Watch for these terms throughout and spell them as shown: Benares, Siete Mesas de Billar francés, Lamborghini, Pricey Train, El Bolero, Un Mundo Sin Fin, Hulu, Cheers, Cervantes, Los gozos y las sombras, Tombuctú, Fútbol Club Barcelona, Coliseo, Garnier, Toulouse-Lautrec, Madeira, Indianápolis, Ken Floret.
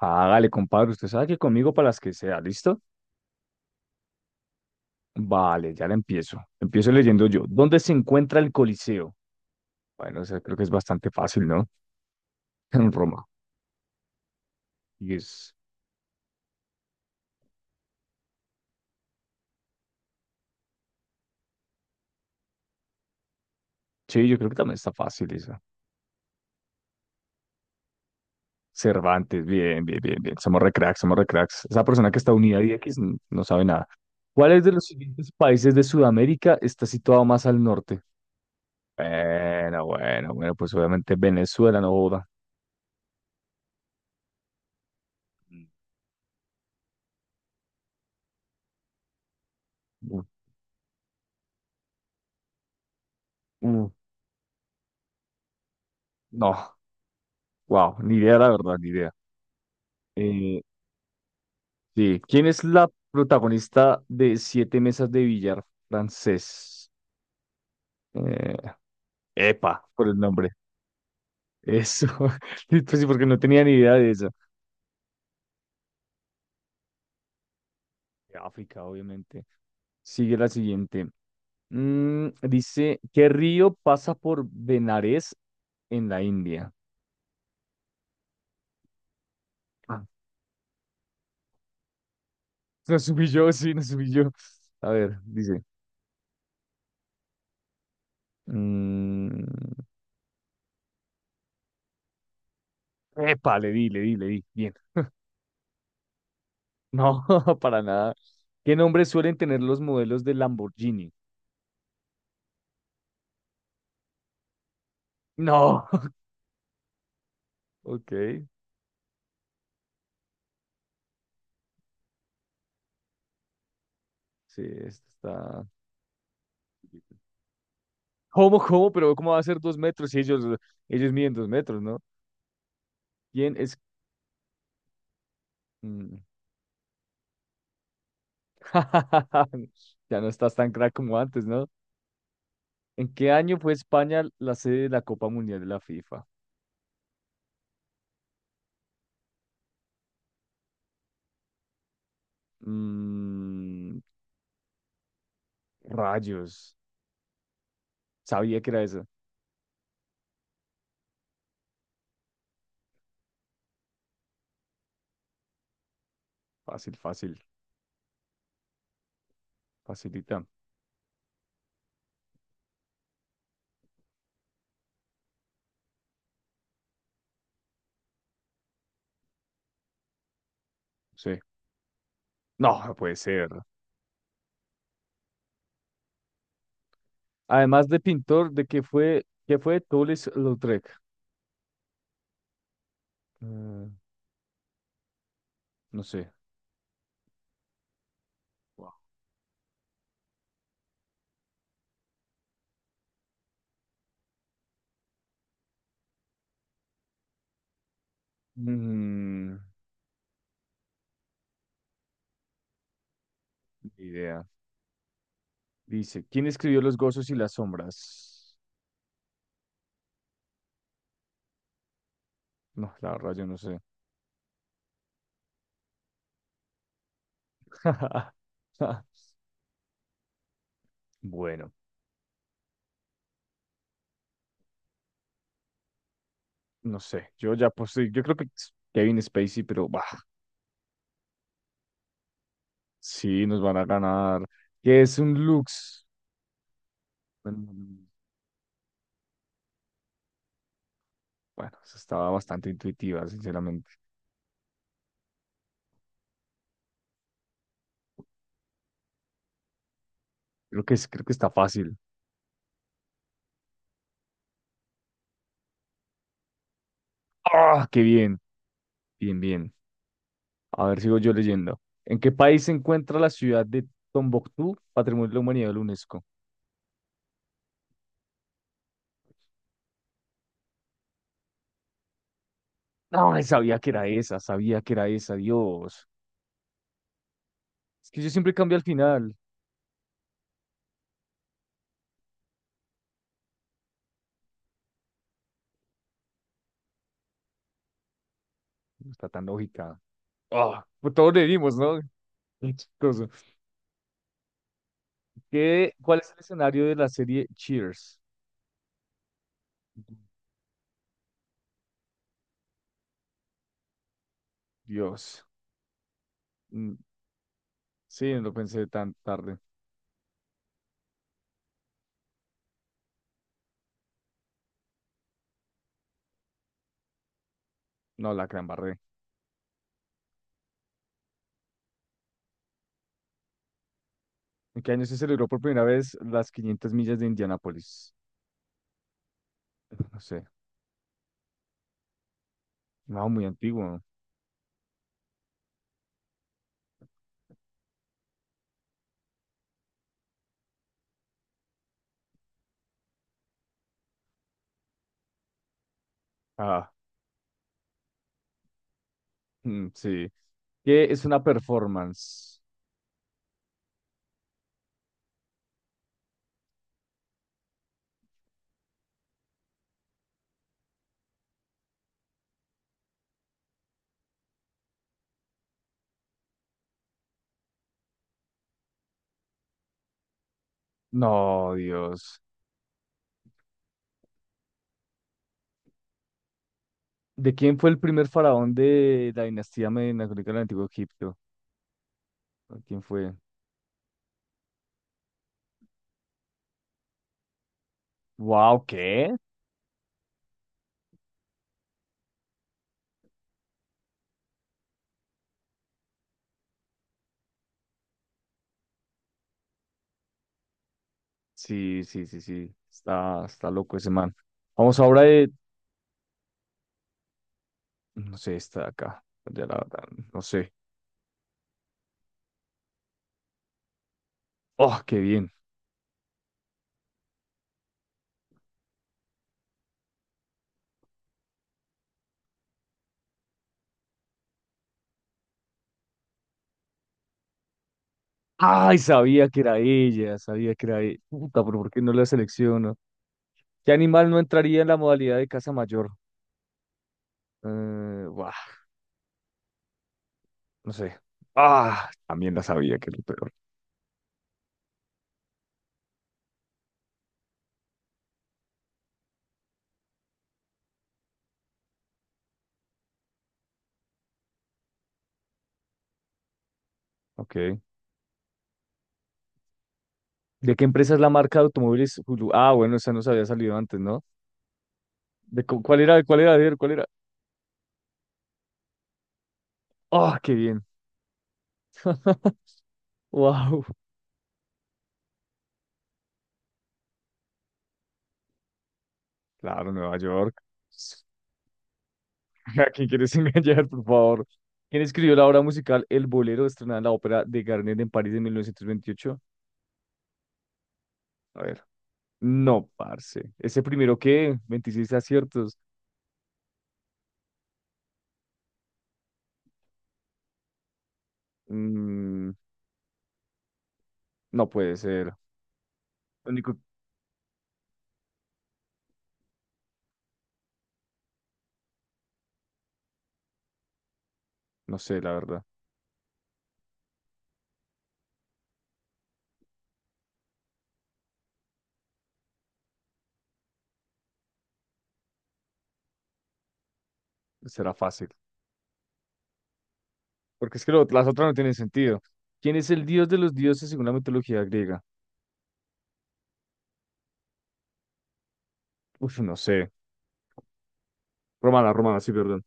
Hágale, compadre, usted sabe que conmigo para las que sea, ¿listo? Vale, ya la empiezo. Empiezo leyendo yo. ¿Dónde se encuentra el Coliseo? Bueno, o sea, creo que es bastante fácil, ¿no? En Roma. Y es... Sí, yo creo que también está fácil esa. Cervantes, bien, bien, bien, bien. Somos re cracks, somos re cracks. Esa persona que está unida a X no sabe nada. ¿Cuál es de los siguientes países de Sudamérica está situado más al norte? Bueno, bueno, bueno, pues obviamente Venezuela no joda. Mm, mm, mm, no, wow, ni idea, la verdad, ni idea. Eh, sí. ¿Quién es la protagonista de Siete Mesas de Billar francés? Eh, Epa, por el nombre. Eso. Sí, pues sí, porque no tenía ni idea de eso. De África, obviamente. Sigue la siguiente. Dice, ¿qué río pasa por Benares en la India? Ah, nos subí yo, sí, nos subí yo. A ver, dice. mm, Epa, le di, le di, le di. Bien. No, para nada. ¿Qué nombres suelen tener los modelos de Lamborghini? No. Ok, sí, esto está. ¿Cómo, cómo? Pero ¿cómo va a ser 2 metros si ellos miden 2 metros, ¿no? ¿Quién es? Mm. Ya no estás tan crack como antes, ¿no? ¿En qué año fue España la sede de la Copa Mundial de la FIFA? Mm, Rayos. Sabía que era esa. Fácil, fácil, facilita. Sí. No, no puede ser. Además de pintor, qué fue Toulouse-Lautrec? Eh, no sé. Wow. Mm, Ni idea. Dice, ¿quién escribió Los gozos y las sombras? No, la verdad, yo no sé. Bueno, no sé. Yo ya posé, yo creo que es Kevin Spacey, pero bah, sí, nos van a ganar. ¿Qué es un Lux? Bueno, bueno, esa estaba bastante intuitiva, sinceramente. Creo que está fácil. ¡Ah, qué bien! Bien, bien. A ver, sigo yo leyendo. ¿En qué país se encuentra la ciudad de Tombuctú, Patrimonio de la Humanidad de la UNESCO? No, sabía que era esa, sabía que era esa, Dios. Es que yo siempre cambio al final. No está tan lógica. Ah, pues todos le dimos, ¿no? Qué chistoso. ¿Cuál es el escenario de la serie Cheers? Dios. Mm, Sí, no lo pensé tan tarde. No, la gran barré. ¿En qué año se celebró por primera vez las 500 millas de Indianápolis? No sé. No, muy antiguo. Ah, mm, sí. ¿Qué es una performance? No, Dios. ¿De quién fue el primer faraón de la dinastía media del Antiguo Egipto? ¿Quién fue? Wow, ¿qué? Sí, sí, sí, sí. Está loco ese man. Vamos ahora de. No sé, está de acá. Ya la verdad, no sé. Oh, qué bien. Ay, sabía que era ella, sabía que era ella. Puta, pero ¿por qué no la selecciono? ¿Qué animal no entraría en la modalidad de caza mayor? Buah, no sé. Ah, también la sabía que era lo peor. Ok. ¿De qué empresa es la marca de automóviles Hulu? Ah, bueno, esa nos había salido antes, ¿no? ¿Cuál era? ¿Cuál era? A ver, ¿cuál era? ¡Ah, qué bien! ¡Wow! Claro, Nueva York. ¿A quién quieres engañar, por favor? ¿Quién escribió la obra musical El Bolero, estrenada en la ópera de Garnier en París de 1928? A ver. No, parce. ¿Ese primero qué? 26 aciertos. Mm, no puede ser. Lo único, no sé, la verdad. Será fácil. Porque es que las otras no tienen sentido. ¿Quién es el dios de los dioses según la mitología griega? Uf, no sé. Romana, Romana, sí, perdón.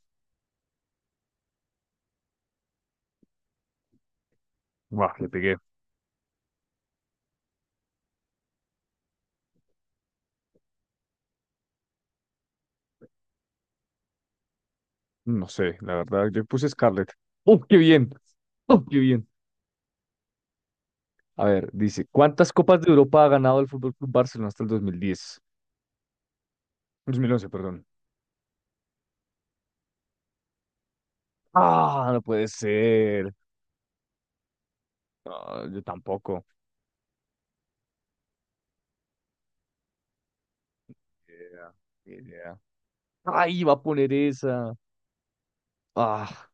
Buah, le pegué. No sé, la verdad, yo puse Scarlett. ¡Uf, qué bien! ¡Uf, qué bien! A ver, dice, ¿cuántas Copas de Europa ha ganado el Fútbol Club Barcelona hasta el 2010, 2011, perdón? ¡Ah, no puede ser! Ah, yo tampoco. Ni idea, ni idea. ¡Ay, iba a poner esa! ¡Ah!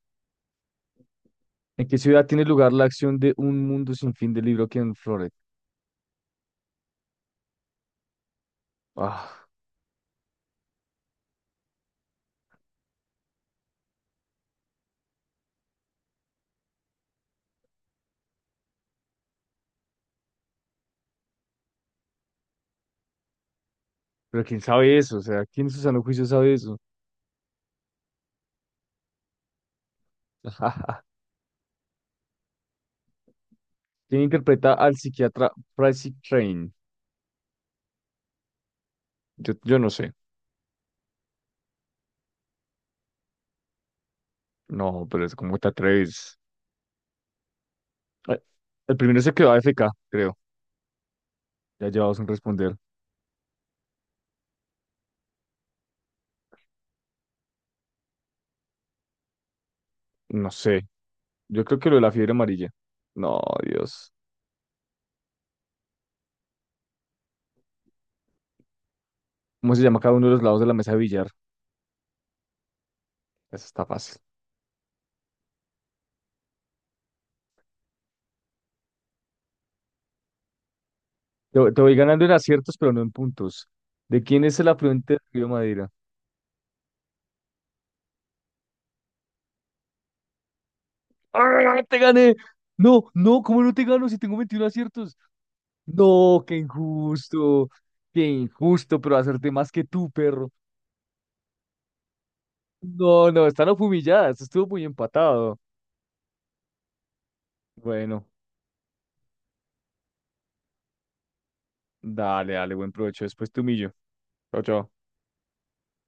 ¿En qué ciudad tiene lugar la acción de Un Mundo Sin Fin del libro Ken Floret? ¡Ah! Pero ¿quién sabe eso? O sea, ¿quién en su sano juicio sabe eso? ¿Quién interpreta al psiquiatra Pricey Train? Yo no sé. No, pero es como te atreves. Ay, el primero se quedó AFK, creo. Ya llevamos sin responder. No sé. Yo creo que lo de la fiebre amarilla. No, Dios. ¿Cómo se llama cada uno de los lados de la mesa de billar? Eso está fácil. Te voy ganando en aciertos, pero no en puntos. ¿De quién es el afluente del río Madeira? ¡Ah, te gané! No, no, ¿cómo no te gano si tengo 21 aciertos? No, qué injusto. Qué injusto, pero hacerte más que tú, perro. No, no, están humilladas. Estuvo muy empatado. Bueno, dale, dale, buen provecho. Después te humillo. Chao, chao.